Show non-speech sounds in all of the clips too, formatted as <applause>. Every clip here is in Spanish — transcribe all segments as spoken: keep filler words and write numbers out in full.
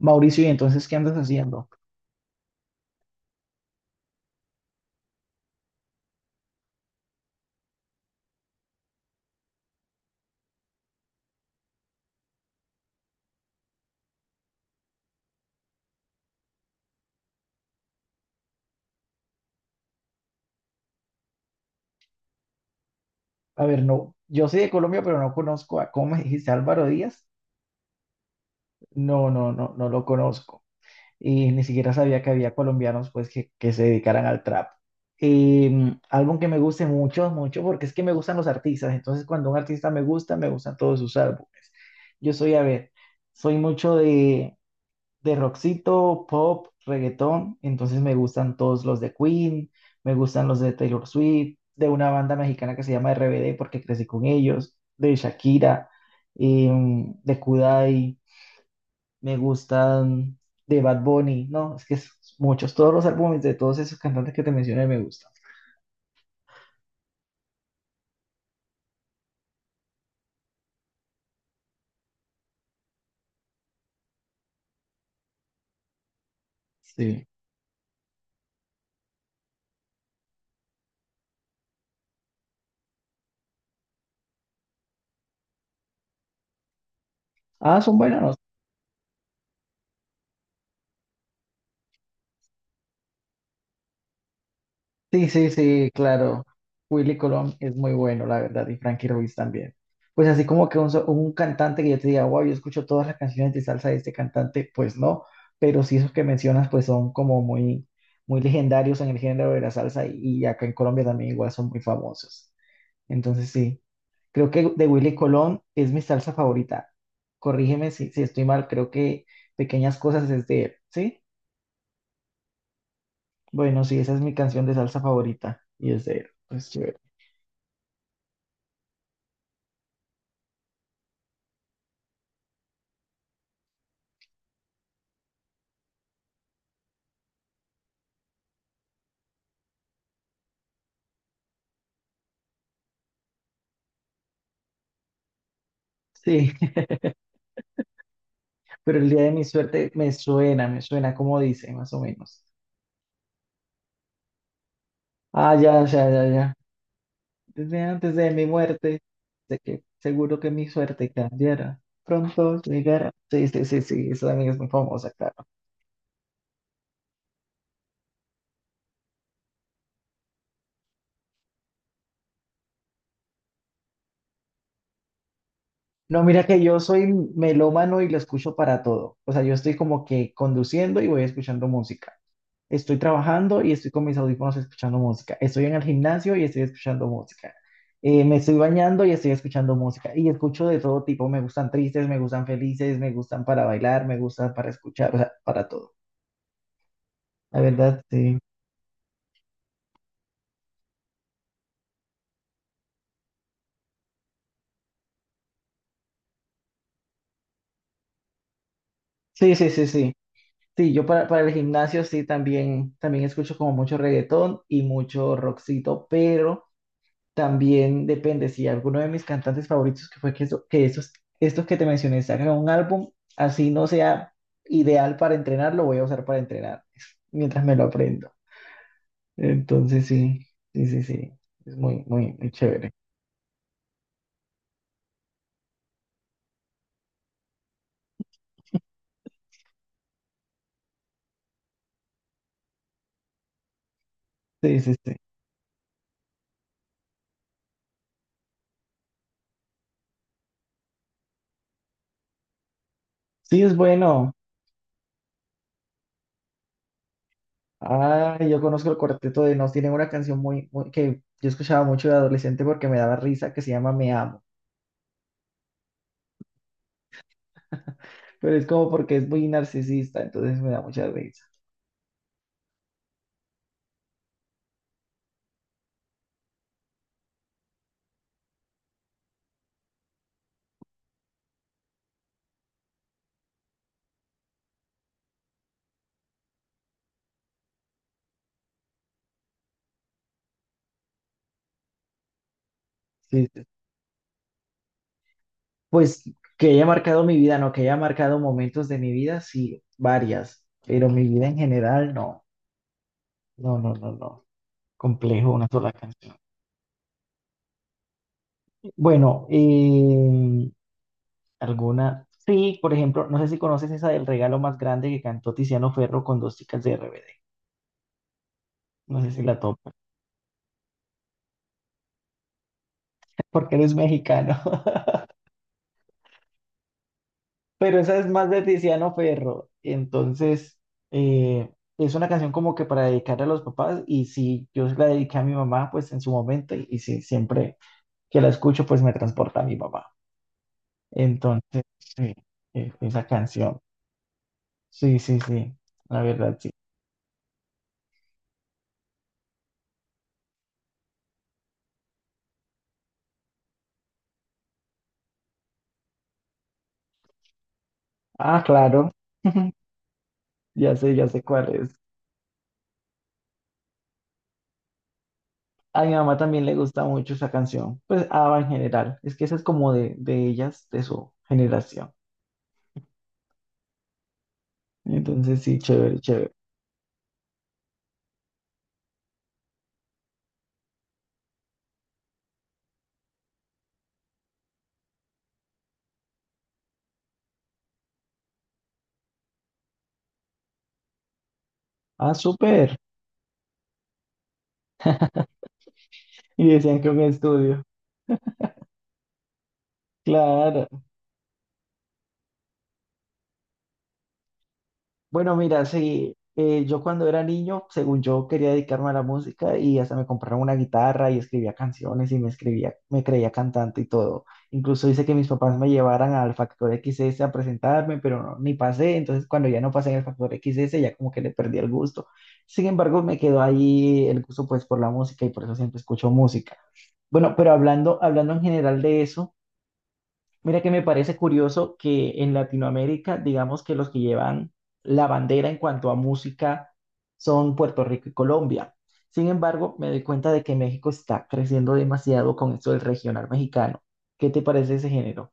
Mauricio, ¿y entonces qué andas haciendo? A ver, no, yo soy de Colombia, pero no conozco a, ¿cómo me dijiste, Álvaro Díaz? No, no, no, no lo conozco. Y ni siquiera sabía que había colombianos, pues, que, que se dedicaran al trap. Eh, Álbum que me guste mucho, mucho, porque es que me gustan los artistas. Entonces, cuando un artista me gusta, me gustan todos sus álbumes. Yo soy, a ver, soy mucho de, de rockcito, pop, reggaetón, entonces me gustan todos los de Queen, me gustan los de Taylor Swift, de una banda mexicana que se llama R B D porque crecí con ellos, de Shakira, em, de Kudai, me gustan de Bad Bunny, no, es que es muchos, todos los álbumes de todos esos cantantes que te mencioné me gustan. Sí. Ah, son buenas. Sí, sí, sí, claro. Willy Colón es muy bueno, la verdad, y Frankie Ruiz también. Pues así como que un, so- un cantante que yo te diga, wow, yo escucho todas las canciones de salsa de este cantante, pues no, pero sí esos que mencionas, pues son como muy, muy legendarios en el género de la salsa y, y acá en Colombia también igual son muy famosos. Entonces sí, creo que de Willy Colón es mi salsa favorita. Corrígeme si, si estoy mal, creo que Pequeñas Cosas es de él, ¿sí? Bueno, sí, esa es mi canción de salsa favorita y es de él, pues chévere. Sí, <laughs> pero el día de mi suerte me suena, me suena como dice, más o menos. Ah, ya, ya, ya, ya. Desde antes de mi muerte, de que seguro que mi suerte cambiará. Pronto llegará. Sí, sí, sí, sí, esa también es muy famosa, claro. No, mira que yo soy melómano y lo escucho para todo. O sea, yo estoy como que conduciendo y voy escuchando música. Estoy trabajando y estoy con mis audífonos escuchando música. Estoy en el gimnasio y estoy escuchando música. Eh, me estoy bañando y estoy escuchando música. Y escucho de todo tipo. Me gustan tristes, me gustan felices, me gustan para bailar, me gustan para escuchar, o sea, para todo. La verdad, sí. Sí, sí, sí, sí. Sí, yo para, para el gimnasio sí también, también escucho como mucho reggaetón y mucho rockcito, pero también depende si alguno de mis cantantes favoritos, que fue que, eso- que esos, estos que te mencioné, sacan un álbum, así no sea ideal para entrenar, lo voy a usar para entrenar mientras me lo aprendo. Entonces, sí, sí, sí, sí, es muy, muy, muy chévere. Sí, sí, sí. Sí, es bueno. Ah, yo conozco el cuarteto de Nos. Tienen una canción muy, muy- que yo escuchaba mucho de adolescente porque me daba risa, que se llama Me Amo. Pero es como porque es muy narcisista, entonces me da mucha risa. Sí, sí, pues que haya marcado mi vida, no, que haya marcado momentos de mi vida, sí, varias, pero mi vida en general, no, no, no, no, no, complejo una sola canción. Bueno, eh, alguna, sí, por ejemplo, no sé si conoces esa del regalo más grande que cantó Tiziano Ferro con dos chicas de R B D, no sé si la topas, <laughs> porque eres mexicano, <laughs> pero esa es más de Tiziano Ferro, entonces, eh, es una canción como que para dedicarle a los papás y si yo se la dediqué a mi mamá, pues en su momento y, y sí, siempre que la escucho, pues me transporta a mi papá. Entonces, sí, eh, esa canción. Sí, sí, sí, la verdad, sí. Ah, claro, <laughs> ya sé, ya sé cuál es. A mi mamá también le gusta mucho esa canción, pues ABBA en general. Es que esa es como de, de ellas, de su generación. Entonces, sí, chévere, chévere. Ah, súper. Y decían que un estudio. Claro. Bueno, mira, sí, eh, yo cuando era niño, según yo, quería dedicarme a la música y hasta me compraron una guitarra y escribía canciones y me escribía, me creía cantante y todo. Incluso hice que mis papás me llevaran al Factor X XS a presentarme, pero no, ni pasé. Entonces, cuando ya no pasé en el Factor X XS, ya como que le perdí el gusto. Sin embargo, me quedó ahí el gusto pues por la música y por eso siempre escucho música. Bueno, pero hablando, hablando en general de eso. Mira que me parece curioso que en Latinoamérica, digamos que los que llevan la bandera en cuanto a música son Puerto Rico y Colombia. Sin embargo, me doy cuenta de que México está creciendo demasiado con esto del regional mexicano. ¿Qué te parece ese género?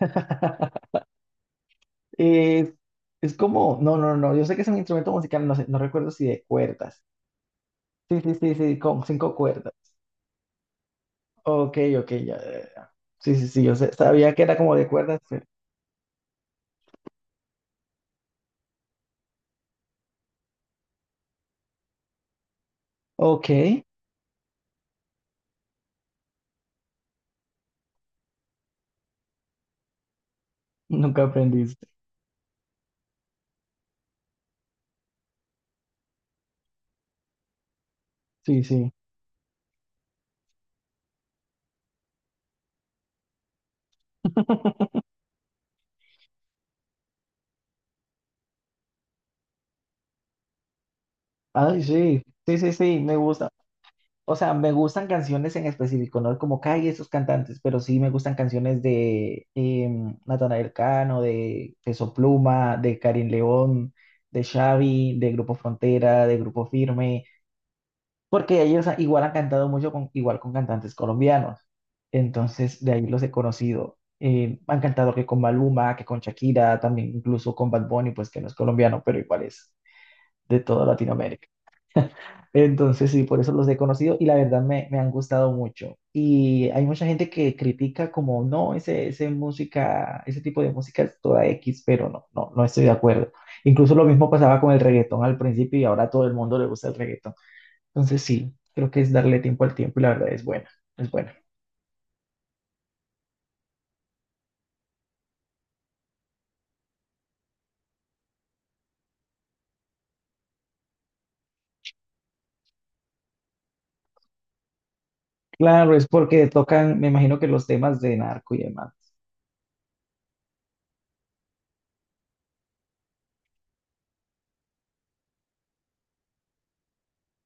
<laughs> Eh, es como, no, no, no, yo sé que es un instrumento musical, no sé, no recuerdo si de cuerdas. Sí, sí, sí, sí, con cinco cuerdas. Ok, ok, ya, ya, Sí, sí, sí, yo sé- sabía que era como de cuerdas, pero... Ok, nunca aprendiste. Sí, sí. <laughs> Ay, sí, sí, sí, sí, me gusta. O sea, me gustan canciones en específico, no es como Kai y esos cantantes, pero sí me gustan canciones de em, Natanael Cano, de Peso Pluma, de Karin León, de Xavi, de Grupo Frontera, de Grupo Firme, porque ellos ha- igual han cantado mucho con, igual con cantantes colombianos. Entonces, de ahí los he conocido. Eh, han cantado que con Maluma, que con Shakira, también incluso con Bad Bunny, pues que no es colombiano, pero igual es de toda Latinoamérica. Entonces, sí, por eso los he conocido y la verdad me, me han gustado mucho. Y hay mucha gente que critica como, no, ese, ese música, ese tipo de música es toda X, pero no, no, no estoy de acuerdo. Incluso lo mismo pasaba con el reggaetón al principio y ahora a todo el mundo le gusta el reggaetón. Entonces, sí, creo que es darle tiempo al tiempo y la verdad es buena, es buena. Claro, es porque tocan, me imagino que los temas de narco y demás.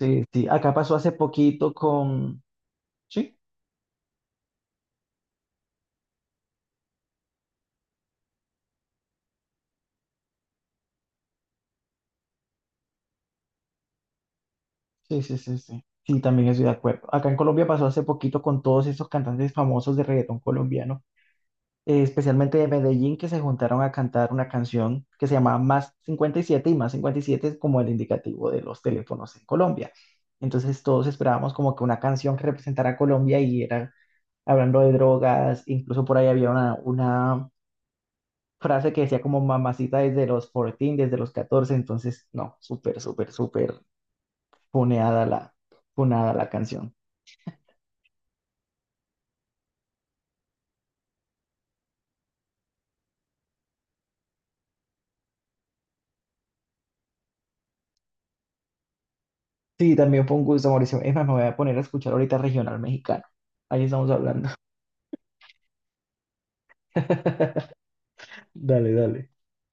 Sí, sí, acá pasó hace poquito con, sí, sí, sí, sí, sí. Sí, también estoy de acuerdo. Acá en Colombia pasó hace poquito con todos esos cantantes famosos de reggaetón colombiano, eh, especialmente de Medellín, que se juntaron a cantar una canción que se llamaba Más cincuenta y siete y Más cincuenta y siete es como el indicativo de los teléfonos en Colombia. Entonces todos esperábamos como que una canción que representara a Colombia y era hablando de drogas, incluso por ahí había una, una frase que decía como mamacita desde los catorce, desde los catorce, entonces no, súper, súper, súper puneada la, punada la canción. Sí, también fue un gusto, Mauricio. Es más, me voy a poner a escuchar ahorita regional mexicano. Ahí estamos hablando. <laughs> Dale, dale.